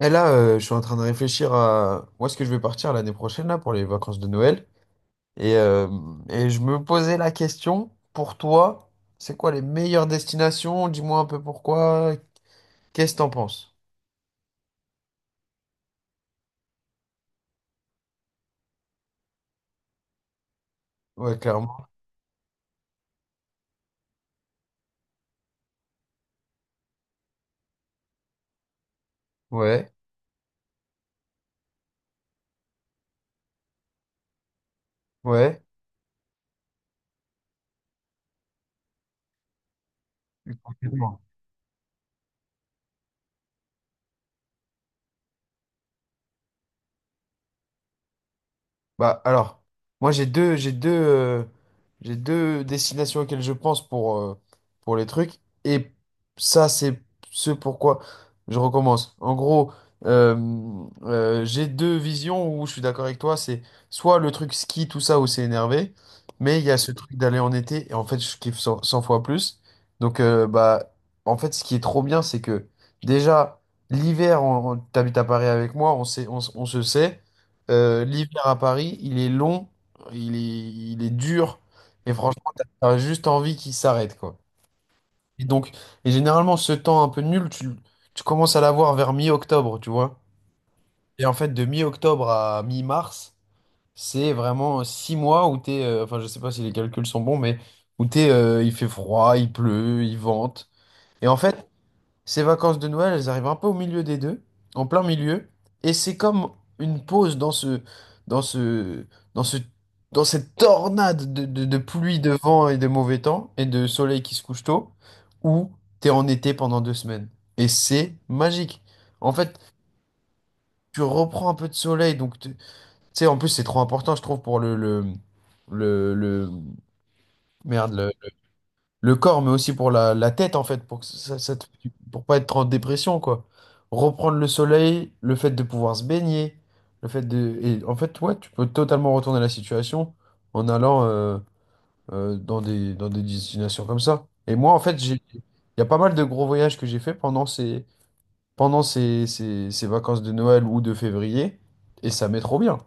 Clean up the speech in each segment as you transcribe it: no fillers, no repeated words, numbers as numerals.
Et là, je suis en train de réfléchir à où est-ce que je vais partir l'année prochaine là, pour les vacances de Noël. Et, euh, et je me posais la question, pour toi, c'est quoi les meilleures destinations? Dis-moi un peu pourquoi. Qu'est-ce que t'en penses? Ouais, clairement. Ouais, ouais. Complètement. Bah alors, moi j'ai deux destinations auxquelles je pense pour les trucs. Et ça, c'est ce pourquoi je recommence. En gros, j'ai deux visions où je suis d'accord avec toi. C'est soit le truc ski, tout ça, où c'est énervé. Mais il y a ce truc d'aller en été. Et en fait, je kiffe 100, cent fois plus. Donc, bah, en fait, ce qui est trop bien, c'est que déjà, l'hiver, t'habites à Paris avec moi, on sait, on se sait. L'hiver à Paris, il est long, il est dur, et franchement, t'as juste envie qu'il s'arrête, quoi. Et donc, et généralement, ce temps un peu nul, tu commences à l'avoir vers mi-octobre, tu vois. Et en fait, de mi-octobre à mi-mars, c'est vraiment 6 mois où enfin, je sais pas si les calculs sont bons, mais où il fait froid, il pleut, il vente. Et en fait, ces vacances de Noël, elles arrivent un peu au milieu des deux, en plein milieu, et c'est comme une pause dans ce, dans ce, dans cette tornade de pluie, de vent et de mauvais temps, et de soleil qui se couche tôt, où t'es en été pendant 2 semaines. Et c'est magique. En fait, tu reprends un peu de soleil, donc tu sais, en plus c'est trop important, je trouve, pour le, le- merde, le corps, mais aussi pour la tête, en fait, pour que ça te- pour pas être en dépression, quoi. Reprendre le soleil, le fait de pouvoir se baigner, le fait de... Et en fait, ouais, tu peux totalement retourner la situation en allant dans des destinations comme ça. Et moi, en fait, j'ai... Il y a pas mal de gros voyages que j'ai fait pendant ces vacances de Noël ou de février, et ça m'est trop bien.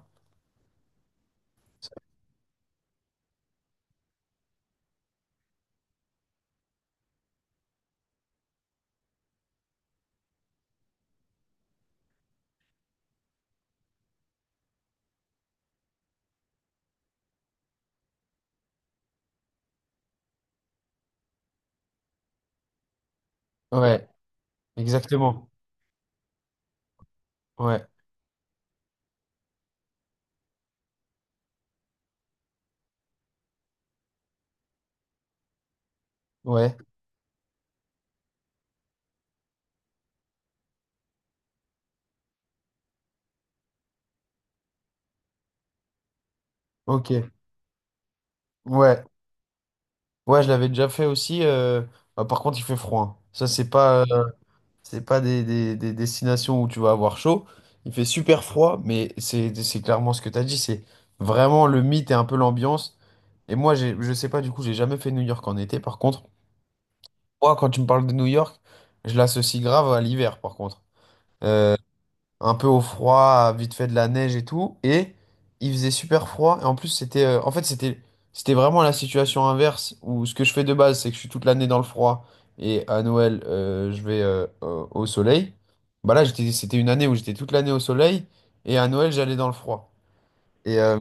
Ouais, exactement. Ouais, ouais, ok. Ouais. Ouais, je l'avais déjà fait aussi. Bah, par contre, il fait froid, hein. Ça, c'est pas des destinations où tu vas avoir chaud. Il fait super froid, mais c'est clairement ce que tu as dit. C'est vraiment le mythe et un peu l'ambiance. Et moi, je sais pas, du coup, j'ai jamais fait New York en été. Par contre, moi, quand tu me parles de New York, je l'associe grave à l'hiver, par contre. Euh, un peu au froid, vite fait de la neige et tout. Et il faisait super froid. Et en plus, c'était, en fait, c'était, c'était vraiment la situation inverse où ce que je fais de base, c'est que je suis toute l'année dans le froid et à Noël, je vais au soleil. Bah là, c'était une année où j'étais toute l'année au soleil et à Noël, j'allais dans le froid. Et, euh,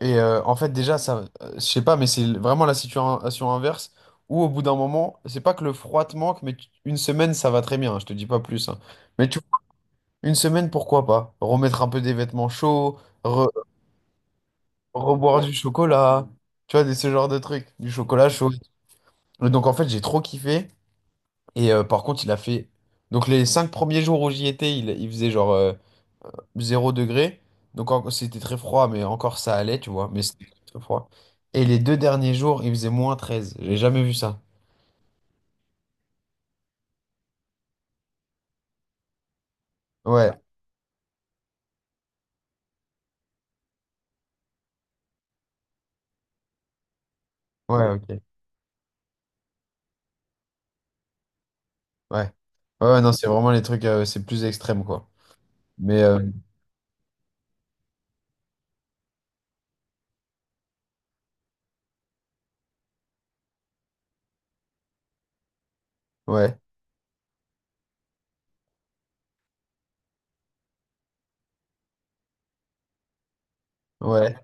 En fait, déjà, ça, je sais pas, mais c'est vraiment la situation inverse où au bout d'un moment, c'est pas que le froid te manque, mais une semaine, ça va très bien, hein. Je te dis pas plus, hein. Mais tu une semaine, pourquoi pas? Remettre un peu des vêtements chauds, reboire du chocolat, tu vois, ce genre de trucs, du chocolat chaud. Et donc en fait, j'ai trop kiffé. Par contre, il a fait... Donc les 5 premiers jours où j'y étais, il faisait genre 0 degré. C'était très froid, mais encore ça allait, tu vois. Mais c'était très froid. Et les 2 derniers jours, il faisait -13. J'ai jamais vu ça. Ouais, ouais, ok. Ouais. Ouais, ouais, non, c'est vraiment les trucs, c'est plus extrême, quoi. Mais ouais, ouais.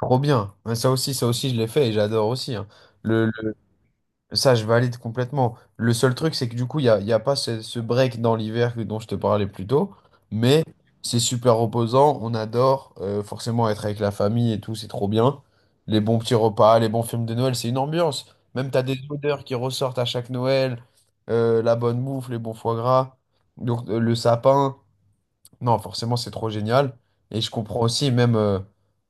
Trop bien. Ouais, ça aussi, ça aussi, je l'ai fait et j'adore aussi, hein. Le, le- Ça, je valide complètement. Le seul truc, c'est que du coup, il y a pas ce break dans l'hiver dont je te parlais plus tôt. Mais c'est super reposant. On adore forcément être avec la famille et tout. C'est trop bien. Les bons petits repas, les bons films de Noël, c'est une ambiance. Même tu as des odeurs qui ressortent à chaque Noël. La bonne bouffe, les bons foie gras. Donc, le sapin. Non, forcément, c'est trop génial. Et je comprends aussi, même,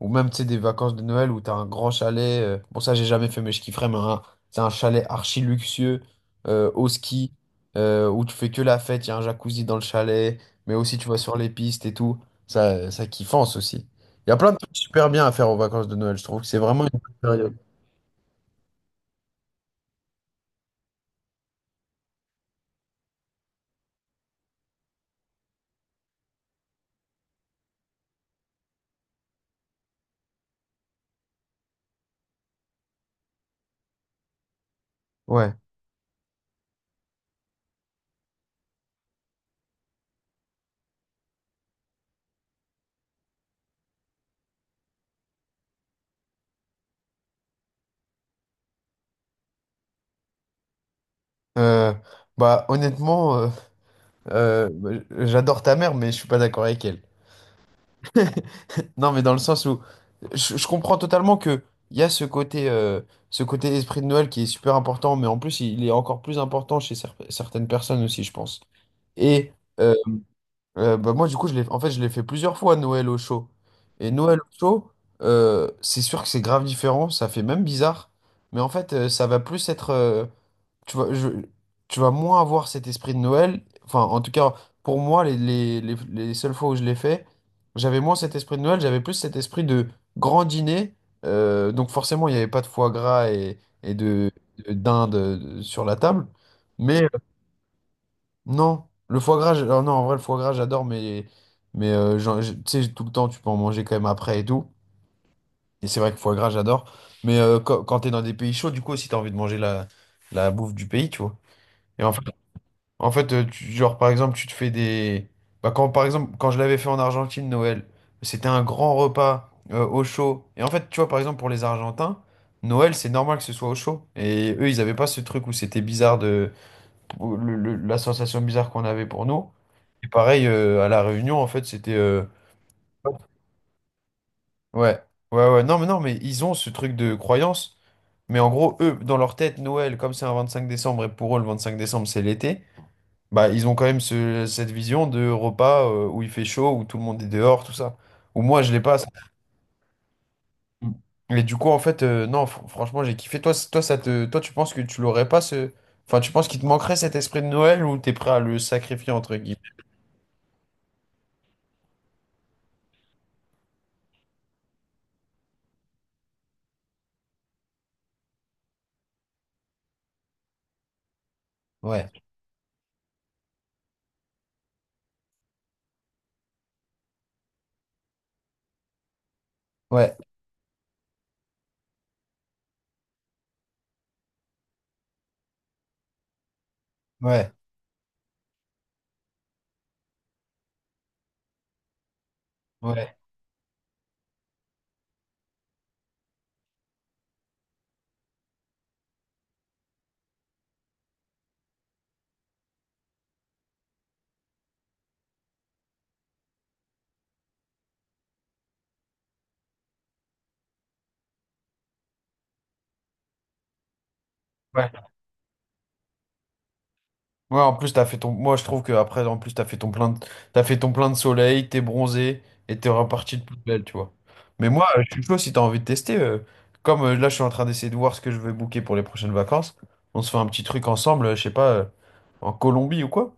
ou même, tu sais, des vacances de Noël où t'as un grand chalet. Bon, ça, j'ai jamais fait, mais je kifferais, mais c'est un chalet archi luxueux, au ski, où tu fais que la fête, il y a un jacuzzi dans le chalet, mais aussi tu vas sur les pistes et tout. Ça kiffance aussi. Il y a plein de trucs super bien à faire aux vacances de Noël. Je trouve que c'est vraiment une bonne période. Ouais. Euh, Bah, honnêtement, j'adore ta mère, mais je suis pas d'accord avec elle. Non, mais dans le sens où je comprends totalement que il y a ce côté esprit de Noël qui est super important, mais en plus, il est encore plus important chez certaines personnes aussi, je pense. Et euh, Bah moi, du coup, en fait, je l'ai fait plusieurs fois Noël au chaud. Et Noël au chaud, c'est sûr que c'est grave différent, ça fait même bizarre, mais en fait, ça va plus être. Tu vas, je- Tu vas moins avoir cet esprit de Noël. Enfin, en tout cas, pour moi, les seules fois où je l'ai fait, j'avais moins cet esprit de Noël, j'avais plus cet esprit de grand dîner. Donc forcément, il n'y avait pas de foie gras et de dinde sur la table. Mais euh, non, le foie gras, alors non, en vrai, le foie gras, j'adore, tu sais, tout le temps, tu peux en manger quand même après et tout. Et c'est vrai que foie gras, j'adore. Quand, quand tu es dans des pays chauds, du coup, aussi, tu as envie de manger la bouffe du pays, tu vois. Et en fait, genre par exemple, tu te fais des. Bah, quand, par exemple, quand je l'avais fait en Argentine, Noël, c'était un grand repas au chaud. Et en fait, tu vois, par exemple, pour les Argentins, Noël, c'est normal que ce soit au chaud. Et eux, ils n'avaient pas ce truc où c'était bizarre de. Où la sensation bizarre qu'on avait pour nous. Et pareil, à La Réunion, en fait, c'était. Ouais, ouais, ouais. Non, mais non, mais ils ont ce truc de croyance. Mais en gros, eux, dans leur tête, Noël, comme c'est un 25 décembre, et pour eux, le 25 décembre, c'est l'été, bah, ils ont quand même cette vision de repas où il fait chaud, où tout le monde est dehors, tout ça. Ou moi, je l'ai pas. Ça. Et du coup, en fait, non, franchement, j'ai kiffé. Toi, c- toi, ça te, toi, tu penses que tu l'aurais pas ce. Enfin, tu penses qu'il te manquerait cet esprit de Noël ou t'es prêt à le sacrifier entre guillemets? Ouais, ouais, ouais, ouais. Ouais, en plus, t'as fait ton. Moi, je trouve que après, en plus, t'as fait ton plein de... t'as fait ton plein de soleil, t'es bronzé et t'es reparti de plus belle, tu vois. Mais moi, je suis chaud si t'as envie de tester. Comme là, je suis en train d'essayer de voir ce que je vais booker pour les prochaines vacances. On se fait un petit truc ensemble, je sais pas, en Colombie ou quoi?